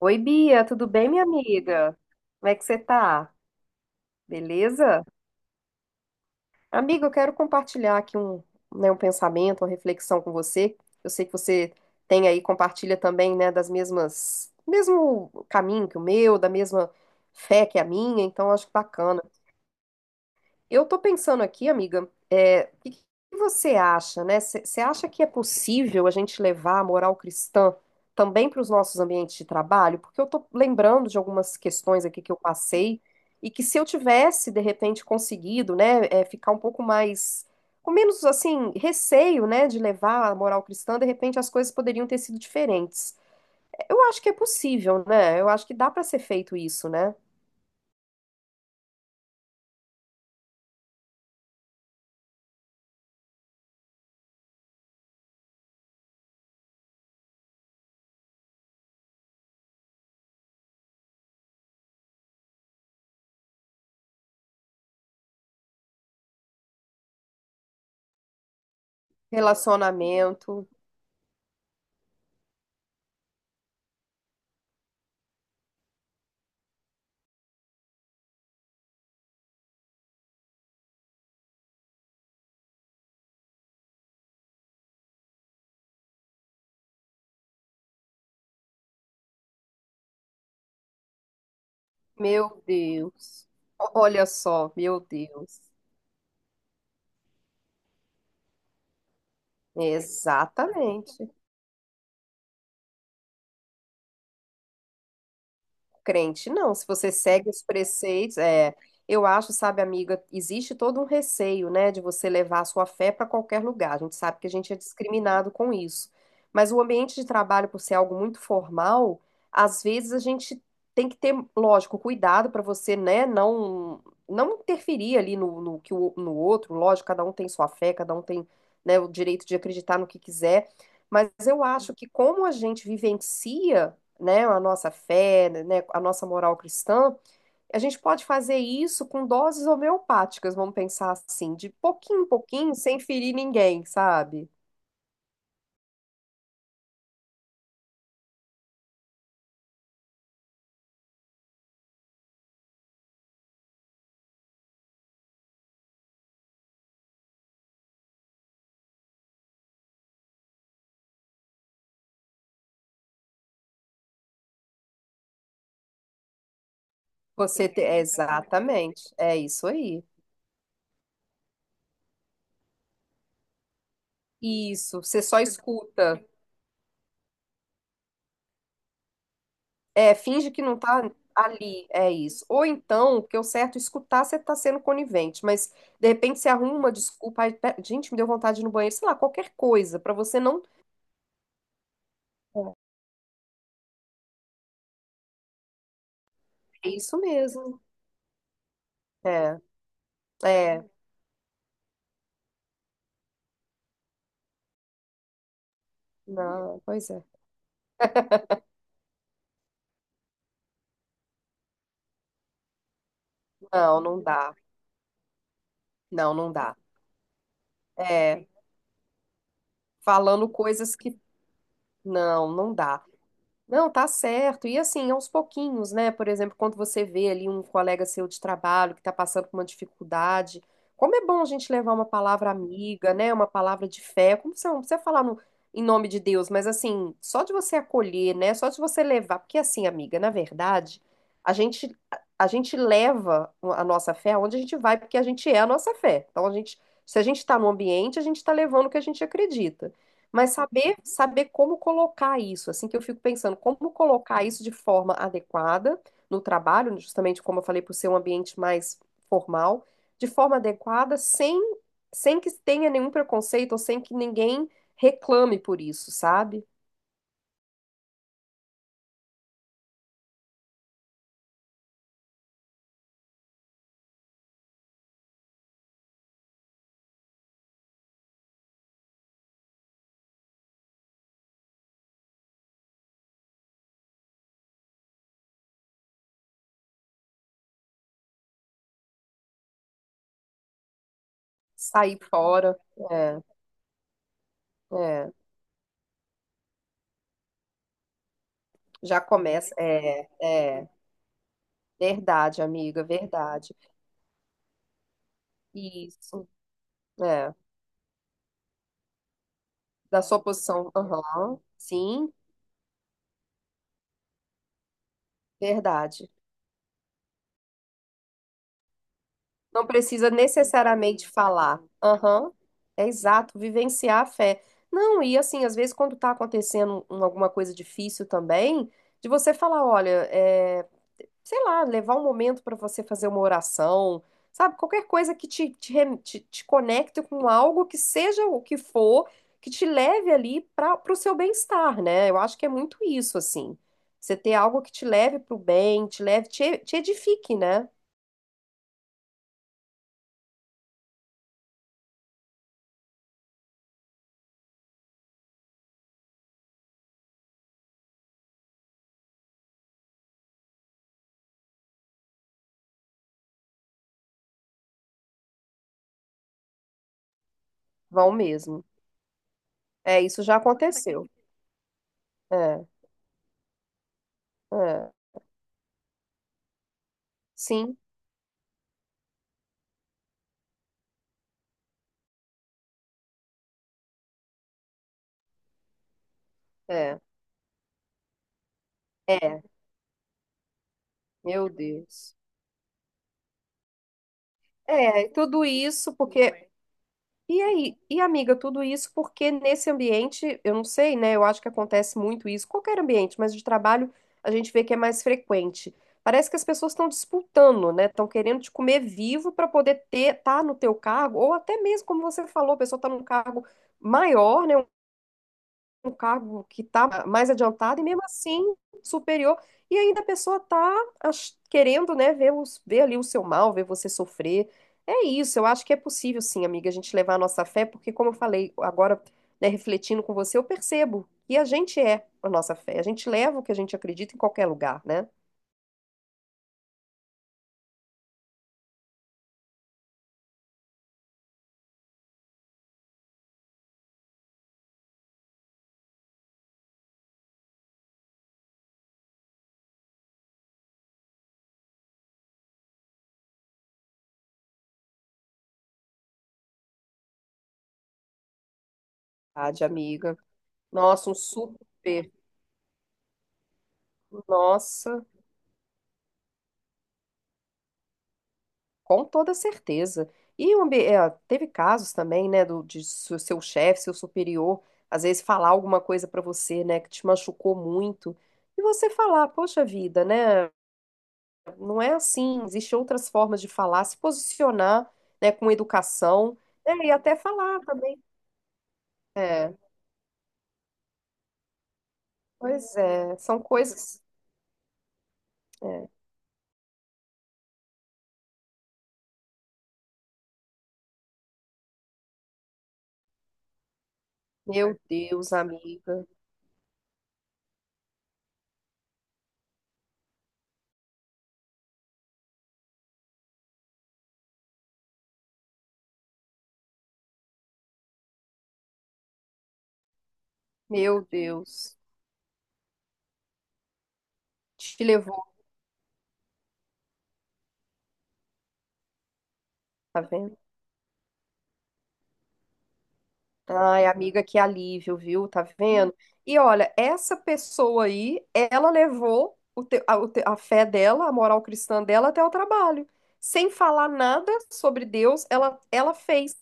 Oi, Bia, tudo bem, minha amiga? Como é que você tá? Beleza? Amiga, eu quero compartilhar aqui né, um pensamento, uma reflexão com você. Eu sei que você tem aí, compartilha também, né, mesmo caminho que o meu, da mesma fé que a minha, então acho bacana. Eu tô pensando aqui, amiga, é, o que você acha, né? Você acha que é possível a gente levar a moral cristã também para os nossos ambientes de trabalho? Porque eu tô lembrando de algumas questões aqui que eu passei e que se eu tivesse, de repente, conseguido, né, é, ficar um pouco mais, com menos, assim, receio, né, de levar a moral cristã, de repente as coisas poderiam ter sido diferentes. Eu acho que é possível, né? Eu acho que dá para ser feito isso, né? Relacionamento. Meu Deus. Olha só, meu Deus. Exatamente. Crente, não. Se você segue os preceitos, é, eu acho, sabe, amiga, existe todo um receio, né, de você levar a sua fé para qualquer lugar. A gente sabe que a gente é discriminado com isso. Mas o ambiente de trabalho, por ser algo muito formal, às vezes a gente tem que ter, lógico, cuidado para você, né, não interferir ali no que no outro. Lógico, cada um tem sua fé, cada um tem, né, o direito de acreditar no que quiser. Mas eu acho que como a gente vivencia, né, a nossa fé, né, a nossa moral cristã, a gente pode fazer isso com doses homeopáticas, vamos pensar assim, de pouquinho em pouquinho, sem ferir ninguém, sabe? É, exatamente, é isso aí. Isso, você só escuta. É, finge que não tá ali, é isso. Ou então, porque o certo é escutar, você tá sendo conivente, mas de repente você arruma uma desculpa, ai, gente, me deu vontade de ir no banheiro, sei lá, qualquer coisa, pra você não. É isso mesmo. É, é, não, pois é. Não, não dá. Não, não dá. É, falando coisas que. Não, não dá. Não, tá certo. E assim, aos pouquinhos, né? Por exemplo, quando você vê ali um colega seu de trabalho que tá passando por uma dificuldade, como é bom a gente levar uma palavra amiga, né? Uma palavra de fé. Como você não precisa falar em nome de Deus, mas assim, só de você acolher, né? Só de você levar. Porque assim, amiga, na verdade, a gente, a gente leva a nossa fé aonde a gente vai, porque a gente é a nossa fé. Então, a gente, se a gente tá no ambiente, a gente tá levando o que a gente acredita. Mas saber como colocar isso, assim que eu fico pensando, como colocar isso de forma adequada no trabalho, justamente como eu falei, por ser um ambiente mais formal, de forma adequada, sem que tenha nenhum preconceito ou sem que ninguém reclame por isso, sabe? Sair fora, é, é, já começa, é, é, verdade, amiga, verdade. Isso, é, da sua posição, aham, sim, verdade. Não precisa necessariamente falar. Aham, é exato, vivenciar a fé. Não, e assim, às vezes quando tá acontecendo alguma coisa difícil também, de você falar, olha, é, sei lá, levar um momento para você fazer uma oração, sabe? Qualquer coisa que te conecte com algo que seja o que for, que te leve ali para o seu bem-estar, né? Eu acho que é muito isso, assim. Você ter algo que te leve pro bem, te edifique, né? Vão mesmo. É, isso já aconteceu. É, é, sim, é, é, meu Deus. É, e tudo isso porque. E aí, e amiga, tudo isso porque nesse ambiente, eu não sei, né? Eu acho que acontece muito isso, qualquer ambiente, mas de trabalho a gente vê que é mais frequente. Parece que as pessoas estão disputando, né? Estão querendo te comer vivo para poder ter, tá no teu cargo, ou até mesmo, como você falou, a pessoa está num cargo maior, né? Um cargo que está mais adiantado e mesmo assim superior. E ainda a pessoa está querendo, né, ver ali o seu mal, ver você sofrer. É isso, eu acho que é possível, sim, amiga, a gente levar a nossa fé, porque, como eu falei agora, né, refletindo com você, eu percebo que a gente é a nossa fé. A gente leva o que a gente acredita em qualquer lugar, né? Verdade, amiga. Nossa, um super. Nossa. Com toda certeza. É, teve casos também, né, de seu chefe, seu superior, às vezes falar alguma coisa pra você, né, que te machucou muito, e você falar, poxa vida, né, não é assim, existem outras formas de falar, se posicionar, né, com educação, né, e até falar também. É, pois é, são coisas. É. Meu Deus, amiga, meu Deus, te levou, tá vendo? Ai, amiga, que alívio, viu? Tá vendo? E olha, essa pessoa aí, ela levou a fé dela, a moral cristã dela até o trabalho. Sem falar nada sobre Deus, ela fez,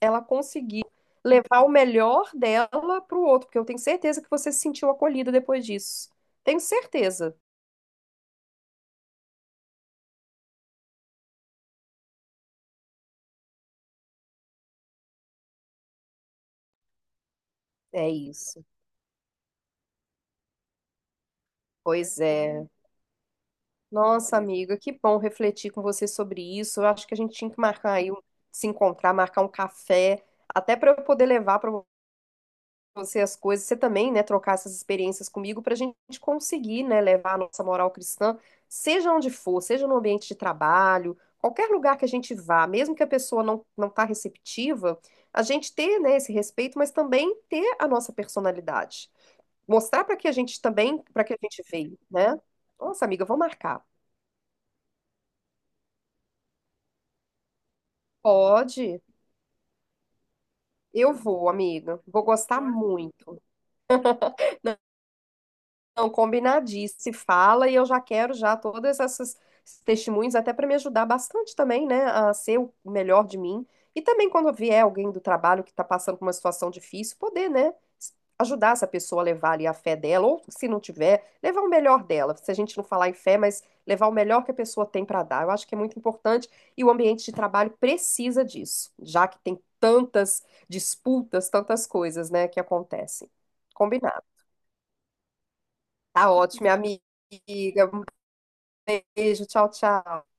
ela conseguiu levar o melhor dela para o outro, porque eu tenho certeza que você se sentiu acolhida depois disso. Tenho certeza. É isso. Pois é. Nossa, amiga, que bom refletir com você sobre isso. Eu acho que a gente tinha que marcar aí, se encontrar, marcar um café, até para eu poder levar para você as coisas, você também, né, trocar essas experiências comigo para a gente conseguir, né, levar a nossa moral cristã, seja onde for, seja no ambiente de trabalho, qualquer lugar que a gente vá, mesmo que a pessoa não tá receptiva, a gente ter, né, esse respeito, mas também ter a nossa personalidade. Mostrar para que a gente também, para que a gente veio, né? Nossa, amiga, eu vou marcar. Pode. Eu vou, amiga. Vou gostar muito. Não, combinadíssimo. Se fala e eu já quero já todas essas esses testemunhos até para me ajudar bastante também, né, a ser o melhor de mim. E também quando vier alguém do trabalho que está passando por uma situação difícil, poder, né, ajudar essa pessoa a levar ali a fé dela, ou se não tiver, levar o melhor dela. Se a gente não falar em fé, mas levar o melhor que a pessoa tem para dar. Eu acho que é muito importante e o ambiente de trabalho precisa disso, já que tem tantas disputas, tantas coisas, né, que acontecem. Combinado. Tá ótimo, minha amiga. Um beijo, tchau, tchau.